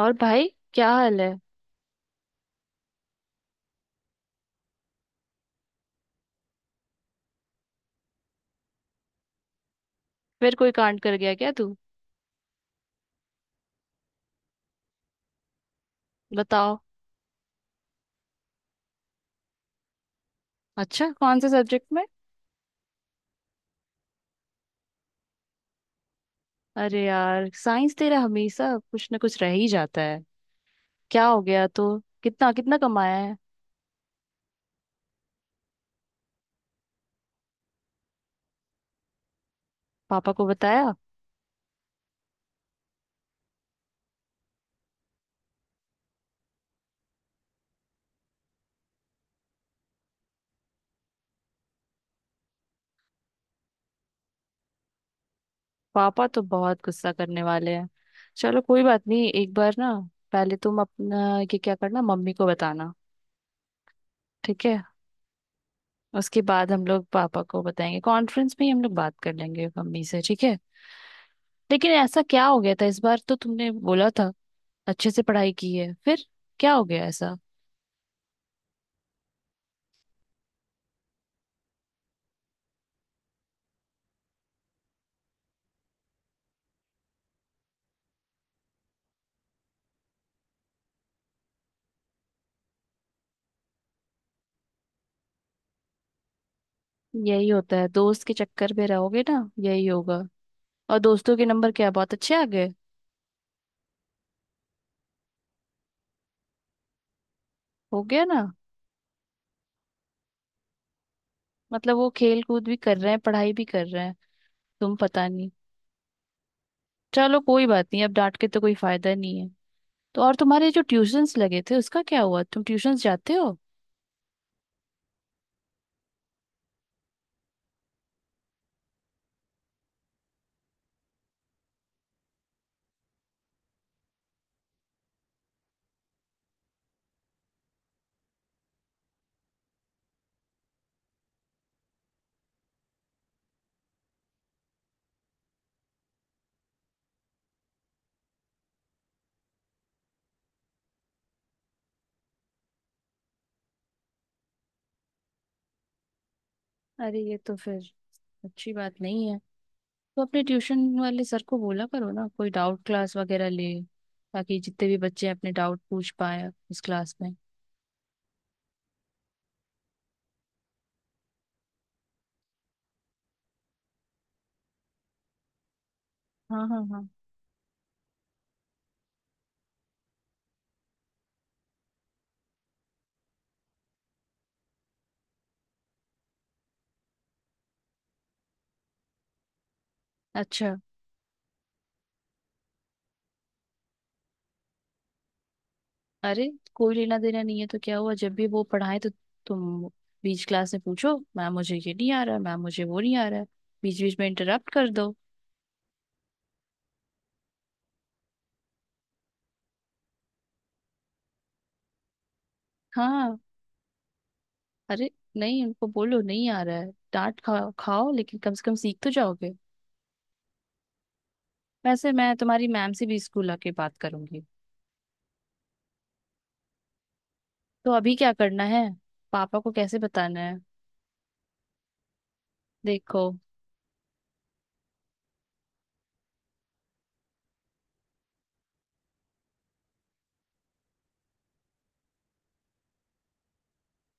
और भाई, क्या हाल है। फिर कोई कांड कर गया क्या तू। बताओ। अच्छा, कौन से सब्जेक्ट में। अरे यार, साइंस तेरा हमेशा कुछ ना कुछ रह ही जाता है। क्या हो गया तो। कितना कितना कमाया है। पापा को बताया। पापा तो बहुत गुस्सा करने वाले हैं। चलो कोई बात नहीं, एक बार ना पहले तुम अपना ये क्या करना, मम्मी को बताना। ठीक है। उसके बाद हम लोग पापा को बताएंगे, कॉन्फ्रेंस में ही हम लोग बात कर लेंगे मम्मी से। ठीक है। लेकिन ऐसा क्या हो गया था इस बार। तो तुमने बोला था अच्छे से पढ़ाई की है, फिर क्या हो गया ऐसा। यही होता है, दोस्त के चक्कर में रहोगे ना यही होगा। और दोस्तों के नंबर क्या बहुत अच्छे आ गए। हो गया ना। मतलब वो खेल कूद भी कर रहे हैं, पढ़ाई भी कर रहे हैं, तुम पता नहीं। चलो कोई बात नहीं, अब डांट के तो कोई फायदा नहीं है। तो और तुम्हारे जो ट्यूशंस लगे थे उसका क्या हुआ। तुम ट्यूशंस जाते हो। अरे ये तो फिर अच्छी बात नहीं है। तो अपने ट्यूशन वाले सर को बोला करो ना कोई डाउट क्लास वगैरह ले, ताकि जितने भी बच्चे अपने डाउट पूछ पाए उस क्लास में। हाँ हाँ हाँ। अच्छा। अरे, कोई लेना देना नहीं है तो क्या हुआ, जब भी वो पढ़ाए तो तुम बीच क्लास में पूछो, मैम मुझे ये नहीं आ रहा, मैम मुझे वो नहीं आ रहा है। बीच बीच में इंटरप्ट कर दो। हाँ। अरे नहीं, उनको बोलो नहीं आ रहा है, डांट खाओ खाओ, लेकिन कम से कम सीख तो जाओगे। वैसे मैं तुम्हारी मैम से भी स्कूल आके बात करूंगी। तो अभी क्या करना है। पापा को कैसे बताना है। देखो।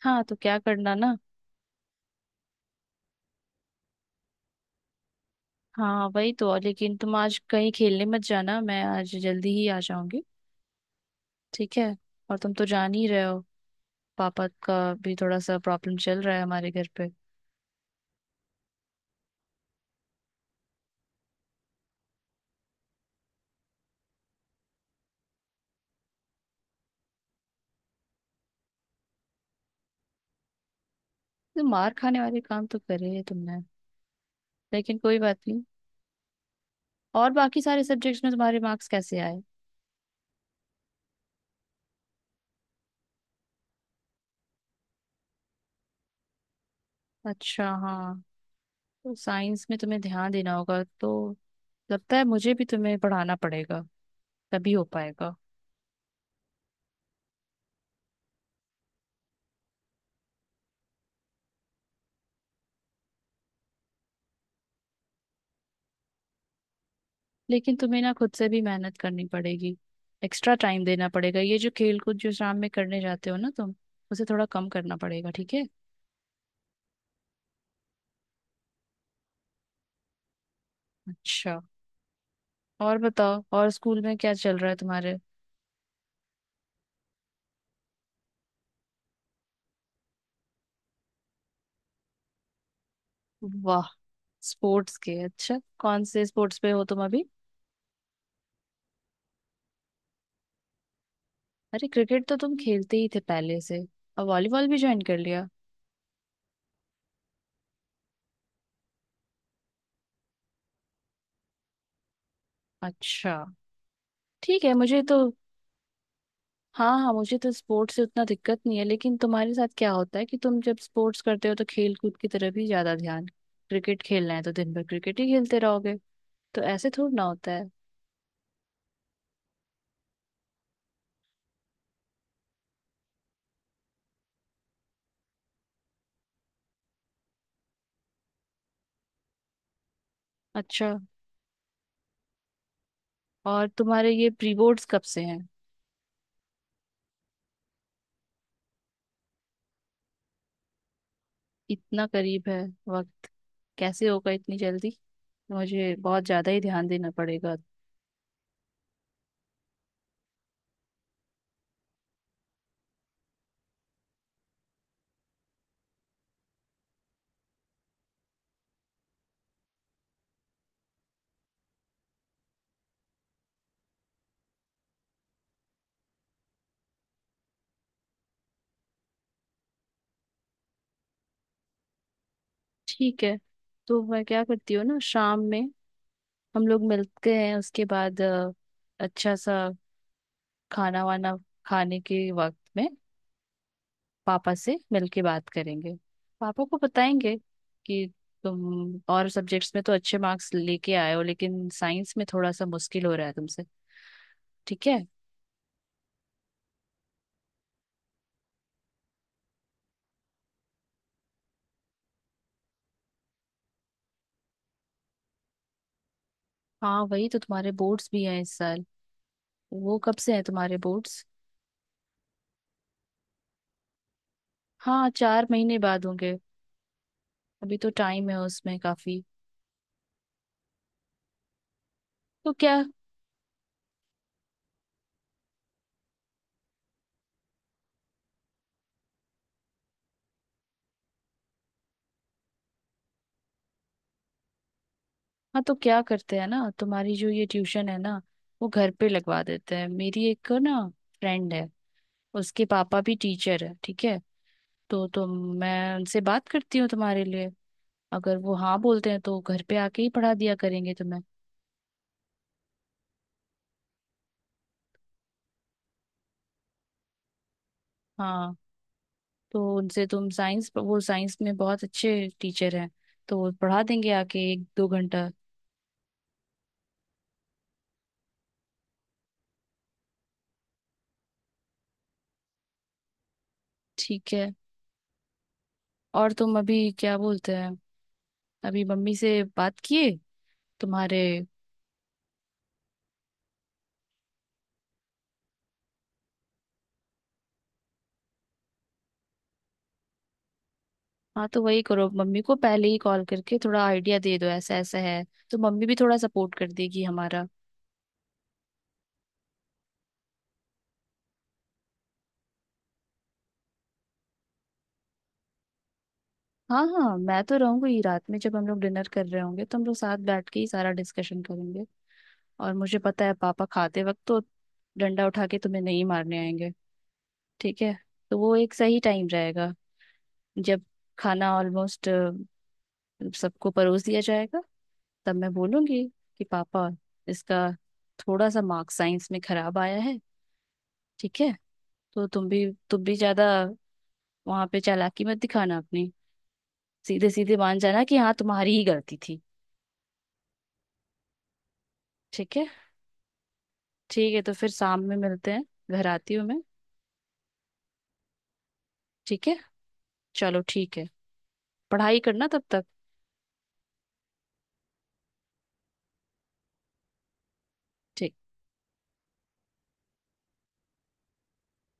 हाँ तो क्या करना ना। हाँ वही तो, और लेकिन तुम आज कहीं खेलने मत जाना, मैं आज जल्दी ही आ जाऊंगी। ठीक है। और तुम तो जान ही रहे हो, पापा का भी थोड़ा सा प्रॉब्लम चल रहा है हमारे घर पे। तो मार खाने वाले काम तो करे है तुमने, लेकिन कोई बात नहीं। और बाकी सारे सब्जेक्ट्स में तुम्हारे मार्क्स कैसे आए। अच्छा, हाँ। तो साइंस में तुम्हें ध्यान देना होगा। तो लगता है मुझे भी तुम्हें पढ़ाना पड़ेगा, तभी हो पाएगा। लेकिन तुम्हें ना खुद से भी मेहनत करनी पड़ेगी, एक्स्ट्रा टाइम देना पड़ेगा। ये जो खेल कूद जो शाम में करने जाते हो ना तुम, उसे थोड़ा कम करना पड़ेगा। ठीक है। अच्छा, और बताओ और स्कूल में क्या चल रहा है तुम्हारे। वाह, स्पोर्ट्स के। अच्छा कौन से स्पोर्ट्स पे हो तुम अभी। अरे, क्रिकेट तो तुम खेलते ही थे पहले से, और वॉलीबॉल भी ज्वाइन कर लिया। अच्छा, ठीक है, मुझे तो। हाँ हाँ, मुझे तो स्पोर्ट्स से उतना दिक्कत नहीं है, लेकिन तुम्हारे साथ क्या होता है कि तुम जब स्पोर्ट्स करते हो तो खेल कूद की तरफ ही ज्यादा ध्यान। क्रिकेट खेलना है तो दिन भर क्रिकेट ही खेलते रहोगे। तो ऐसे थोड़ी ना होता है। अच्छा, और तुम्हारे ये प्री बोर्ड्स कब से हैं। इतना करीब है वक्त। कैसे होगा इतनी जल्दी। मुझे बहुत ज्यादा ही ध्यान देना पड़ेगा। ठीक है। तो मैं क्या करती हूँ ना, शाम में हम लोग मिलते हैं, उसके बाद अच्छा सा खाना वाना, खाने के वक्त में पापा से मिलके बात करेंगे। पापा को बताएंगे कि तुम और सब्जेक्ट्स में तो अच्छे मार्क्स लेके आए हो, लेकिन साइंस में थोड़ा सा मुश्किल हो रहा है तुमसे। ठीक है। हाँ, वही तो, तुम्हारे बोर्ड्स भी हैं इस साल। वो कब से हैं तुम्हारे बोर्ड्स। हाँ चार महीने बाद होंगे। अभी तो टाइम है उसमें काफी। तो क्या। हाँ तो क्या करते हैं ना, तुम्हारी जो ये ट्यूशन है ना, वो घर पे लगवा देते हैं। मेरी एक ना फ्रेंड है, उसके पापा भी टीचर है। ठीक है। तो तुम, मैं उनसे बात करती हूँ तुम्हारे लिए। अगर वो हाँ बोलते हैं तो घर पे आके ही पढ़ा दिया करेंगे तुम्हें। हाँ, तो उनसे तुम साइंस, वो साइंस में बहुत अच्छे टीचर हैं, तो वो पढ़ा देंगे आके एक दो घंटा। ठीक है। और तुम अभी क्या बोलते हैं, अभी मम्मी से बात किए तुम्हारे। हाँ, तो वही करो, मम्मी को पहले ही कॉल करके थोड़ा आइडिया दे दो ऐसा ऐसा है, तो मम्मी भी थोड़ा सपोर्ट कर देगी हमारा। हाँ हाँ, मैं तो रहूंगी, रात में जब हम लोग डिनर कर रहे होंगे तो हम लोग साथ बैठ के ही सारा डिस्कशन करेंगे। और मुझे पता है पापा खाते वक्त तो डंडा उठा के तुम्हें नहीं मारने आएंगे। ठीक है। तो वो एक सही टाइम रहेगा, जब खाना ऑलमोस्ट सबको परोस दिया जाएगा, तब मैं बोलूंगी कि पापा, इसका थोड़ा सा मार्क्स साइंस में खराब आया है। ठीक है। तो तुम भी ज्यादा वहां पे चालाकी मत दिखाना अपनी, सीधे सीधे मान जाना कि हाँ तुम्हारी ही गलती थी। ठीक है। ठीक है, तो फिर शाम में मिलते हैं, घर आती हूँ मैं। ठीक है। चलो ठीक है, पढ़ाई करना तब तक। ठीक।